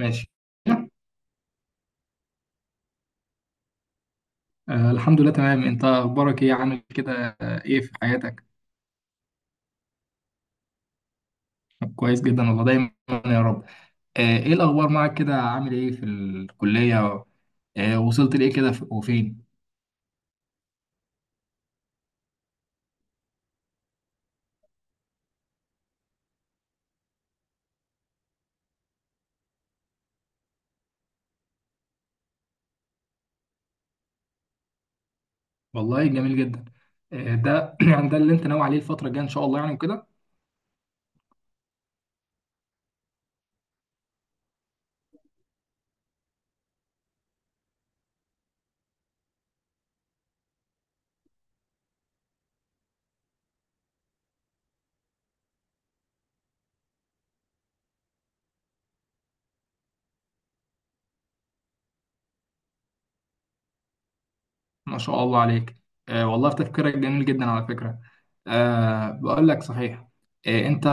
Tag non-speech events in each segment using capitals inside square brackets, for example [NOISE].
ماشي. الحمد لله تمام، انت اخبارك ايه؟ عامل كده ايه في حياتك؟ كويس جدا والله، دايما. يا رب. ايه الاخبار معك كده؟ عامل ايه في الكلية؟ وصلت لايه كده وفين؟ والله جميل جدا. ده [CLEARS THROAT] يعني ده اللي انت ناوي عليه الفترة الجاية ان شاء الله يعني وكده. ما شاء الله عليك. والله في تفكيرك جميل جدا على فكرة. بقول لك صحيح. انت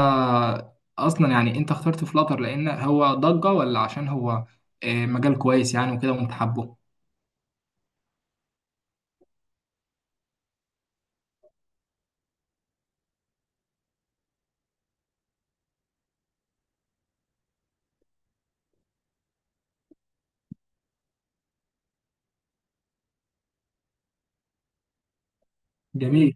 اصلا يعني انت اخترت فلاتر لان هو ضجة، ولا عشان هو مجال كويس يعني وكده، وانت حابه؟ جميل،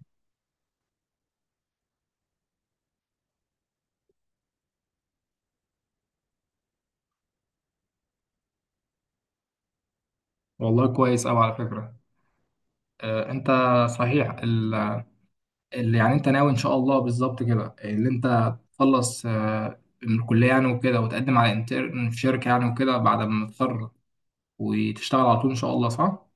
والله كويس أوي على فكرة. أنت صحيح اللي يعني أنت ناوي إن شاء الله بالظبط، كده اللي أنت تخلص من الكلية يعني وكده، وتقدم على انترن في شركة يعني وكده بعد ما تتخرج وتشتغل على طول إن شاء الله، صح؟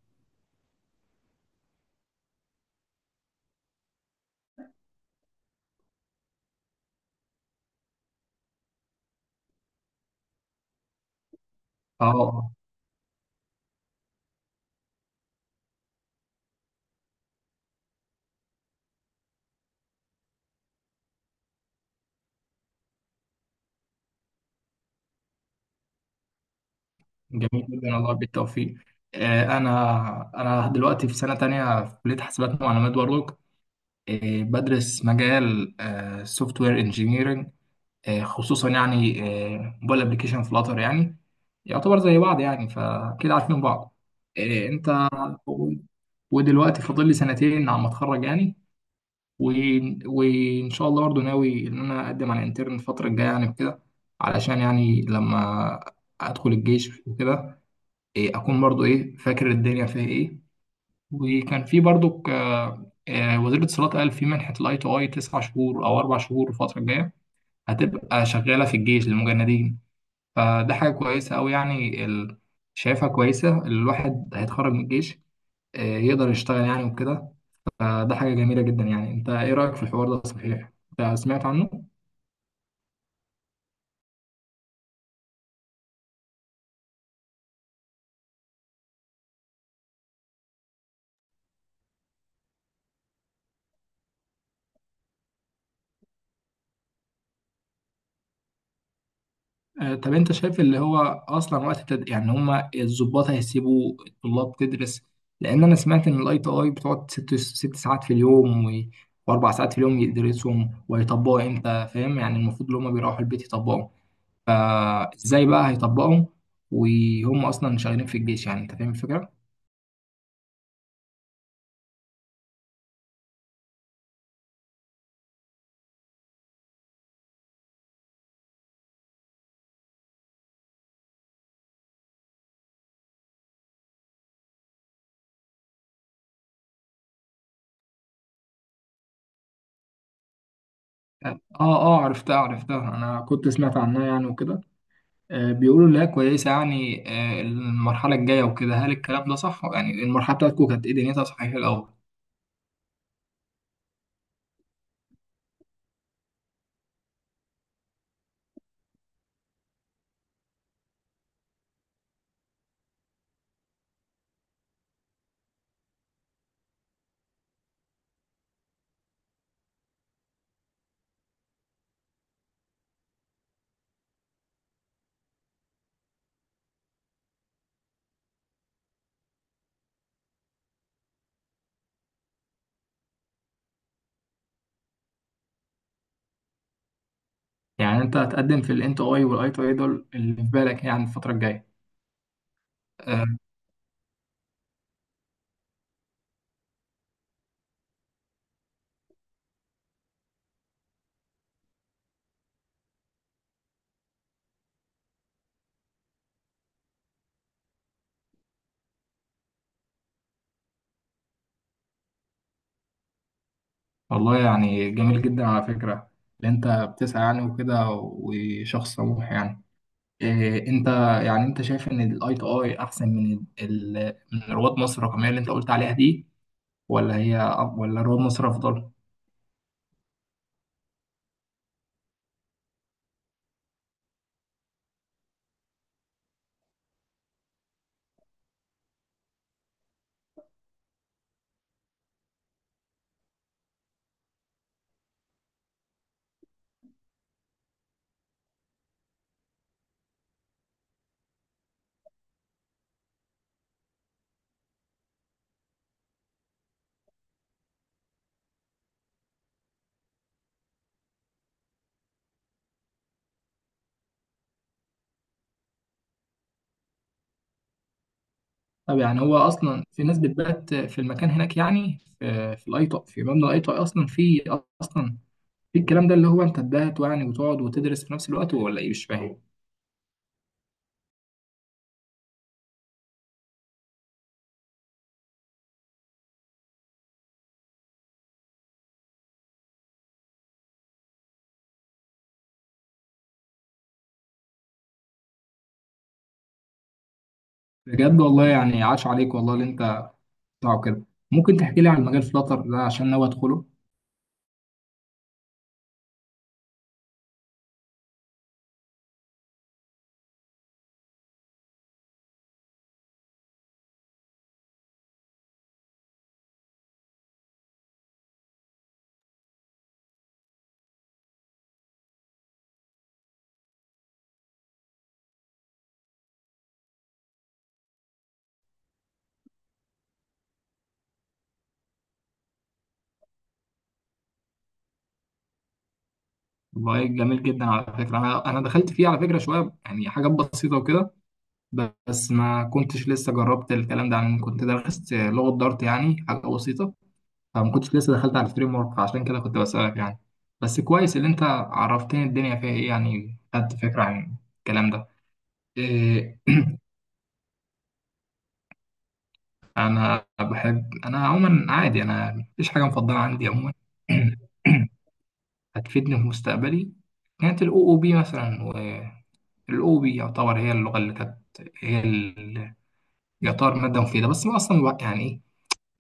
أه. جميل جدا والله، بالتوفيق. آه، أنا دلوقتي في سنة تانية في كلية حاسبات ومعلومات برضك. بدرس مجال سوفت وير انجينيرنج، خصوصا يعني موبايل ابلكيشن فلاتر. يعني يعتبر زي بعض يعني، فكده عارفين بعض. انت ودلوقتي فاضل لي سنتين على ما اتخرج يعني. و... وان شاء الله برضه ناوي ان انا اقدم على انترن الفتره الجايه يعني وكده، علشان يعني لما ادخل الجيش وكده إيه، اكون برضه ايه فاكر الدنيا فيها ايه. وكان في برضه وزير الاتصالات قال في منحه الاي تو اي 9 شهور او 4 شهور الفتره الجايه هتبقى شغاله في الجيش للمجندين. فده حاجة كويسة أوي يعني، شايفها كويسة. الواحد هيتخرج من الجيش يقدر يشتغل يعني وكده. فده حاجة جميلة جدا يعني. أنت إيه رأيك في الحوار ده؟ صحيح؟ أنت سمعت عنه؟ طب أنت شايف اللي هو أصلا وقت يعني هما الضباط هيسيبوا الطلاب تدرس؟ لأن أنا سمعت إن الأي تي أي بتقعد ست ساعات في اليوم و4 ساعات في اليوم يدرسهم ويطبقوا، إمتى فاهم يعني؟ المفروض اللي هما بيروحوا البيت يطبقوا. فازاي بقى هيطبقهم وهم اصلا شغالين في الجيش؟ يعني انت فاهم الفكره. اه اه، عرفتها عرفتها، انا كنت سمعت عنها يعني وكده. بيقولوا انها كويسه يعني المرحله الجايه وكده. هل الكلام ده صح؟ يعني المرحله بتاعتكم كانت ايه دنيتها صحيح الاول؟ يعني انت هتقدم في الانت اي والاي تو اي دول اللي في بالك يعني الفتره الجايه؟ آه والله يعني جميل جدا على فكره اللي انت بتسعى يعني وكده، وشخص طموح يعني. إيه، انت يعني انت شايف ان الاي تو اي احسن من من رواد مصر الرقميه اللي انت قلت عليها دي؟ ولا هي ولا رواد مصر افضل؟ طب يعني هو اصلا في ناس بتبات في المكان هناك؟ يعني في الاي تو، في مبنى الاي تو اي اصلا في اصلا في الكلام ده اللي هو انت تبات يعني وتقعد وتدرس في نفس الوقت، ولا ايه؟ مش فاهم. بجد والله يعني عاش عليك، والله اللي انت بتطلعه كده. ممكن تحكي لي عن مجال فلاتر ده عشان ناوي ادخله؟ والله جميل جدا على فكره، انا دخلت فيه على فكره شويه، يعني حاجات بسيطه وكده. بس ما كنتش لسه جربت الكلام ده، يعني كنت درست لغة دارت يعني حاجة بسيطة، فما كنتش لسه دخلت على الفريم ورك، فعشان كده كنت بسألك يعني. بس كويس اللي انت عرفتني الدنيا فيها ايه، يعني خدت فكرة عن الكلام ده. إيه. انا عموما عادي، انا مفيش حاجة مفضلة عندي عموما. [CLEARS THROAT] هتفيدني في مستقبلي كانت الاو او بي مثلا. والاو بي يعتبر هي اللغة اللي كانت، هي ال- يعتبر مادة مفيدة بس ما اصلا يعني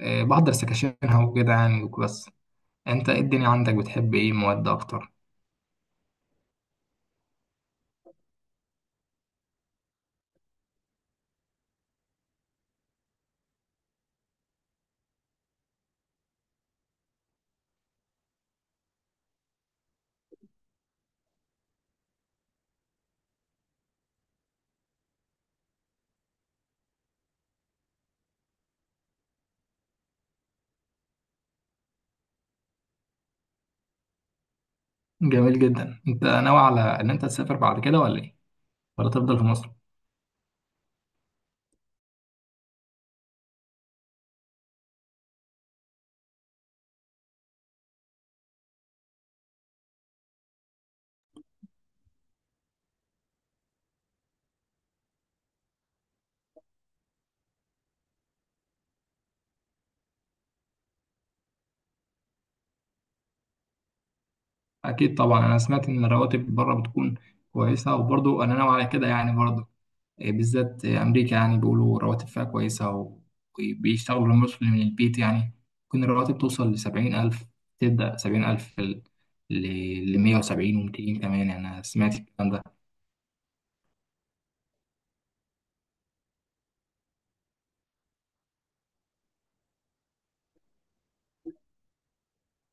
بحضر سكاشينها وكده يعني وبس. انت ايه الدنيا عندك؟ بتحب ايه مواد اكتر؟ جميل جدا. انت ناوي على ان انت تسافر بعد كده ولا ايه؟ ولا تفضل في مصر؟ اكيد طبعا، انا سمعت ان الرواتب بره بتكون كويسه، وبرضو انا ناوي على كده يعني برضو بالذات امريكا. يعني بيقولوا رواتب فيها كويسه وبيشتغلوا المصري من البيت يعني. ممكن الرواتب توصل لسبعين ألف، تبدأ 70,000 ل 170 و200 كمان يعني. أنا سمعت الكلام ده.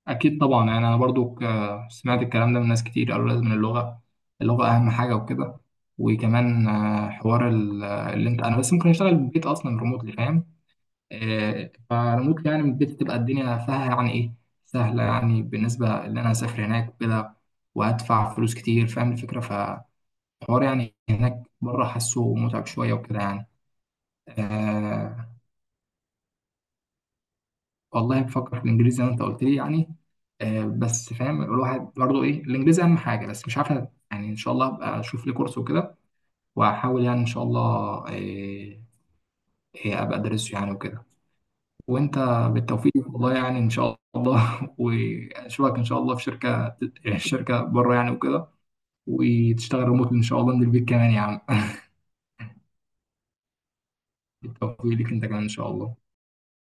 اكيد طبعا، يعني انا برضو سمعت الكلام ده من ناس كتير، قالوا لازم اللغه اهم حاجه وكده. وكمان حوار اللي انت انا بس ممكن اشتغل من البيت اصلا ريموتلي فاهم فريموتلي يعني من البيت، تبقى الدنيا فيها يعني ايه سهله، يعني بالنسبه ان انا اسافر هناك وكده وادفع فلوس كتير، فاهم الفكره؟ فحوار يعني هناك بره حاسه متعب شويه وكده يعني آه، والله بفكر في الانجليزي زي ما انت قلت لي يعني. بس فاهم الواحد برضه ايه، الانجليزي اهم حاجه، بس مش عارف. يعني ان شاء الله ابقى اشوف لي كورس وكده واحاول يعني ان شاء الله آه ابقى ادرسه يعني وكده. وانت بالتوفيق والله يعني ان شاء الله. [LAUGHS] واشوفك ان شاء الله في شركه بره يعني وكده، وتشتغل ريموت ان شاء الله من البيت كمان يا عم. [LAUGHS] بالتوفيق ليك انت كمان ان شاء الله.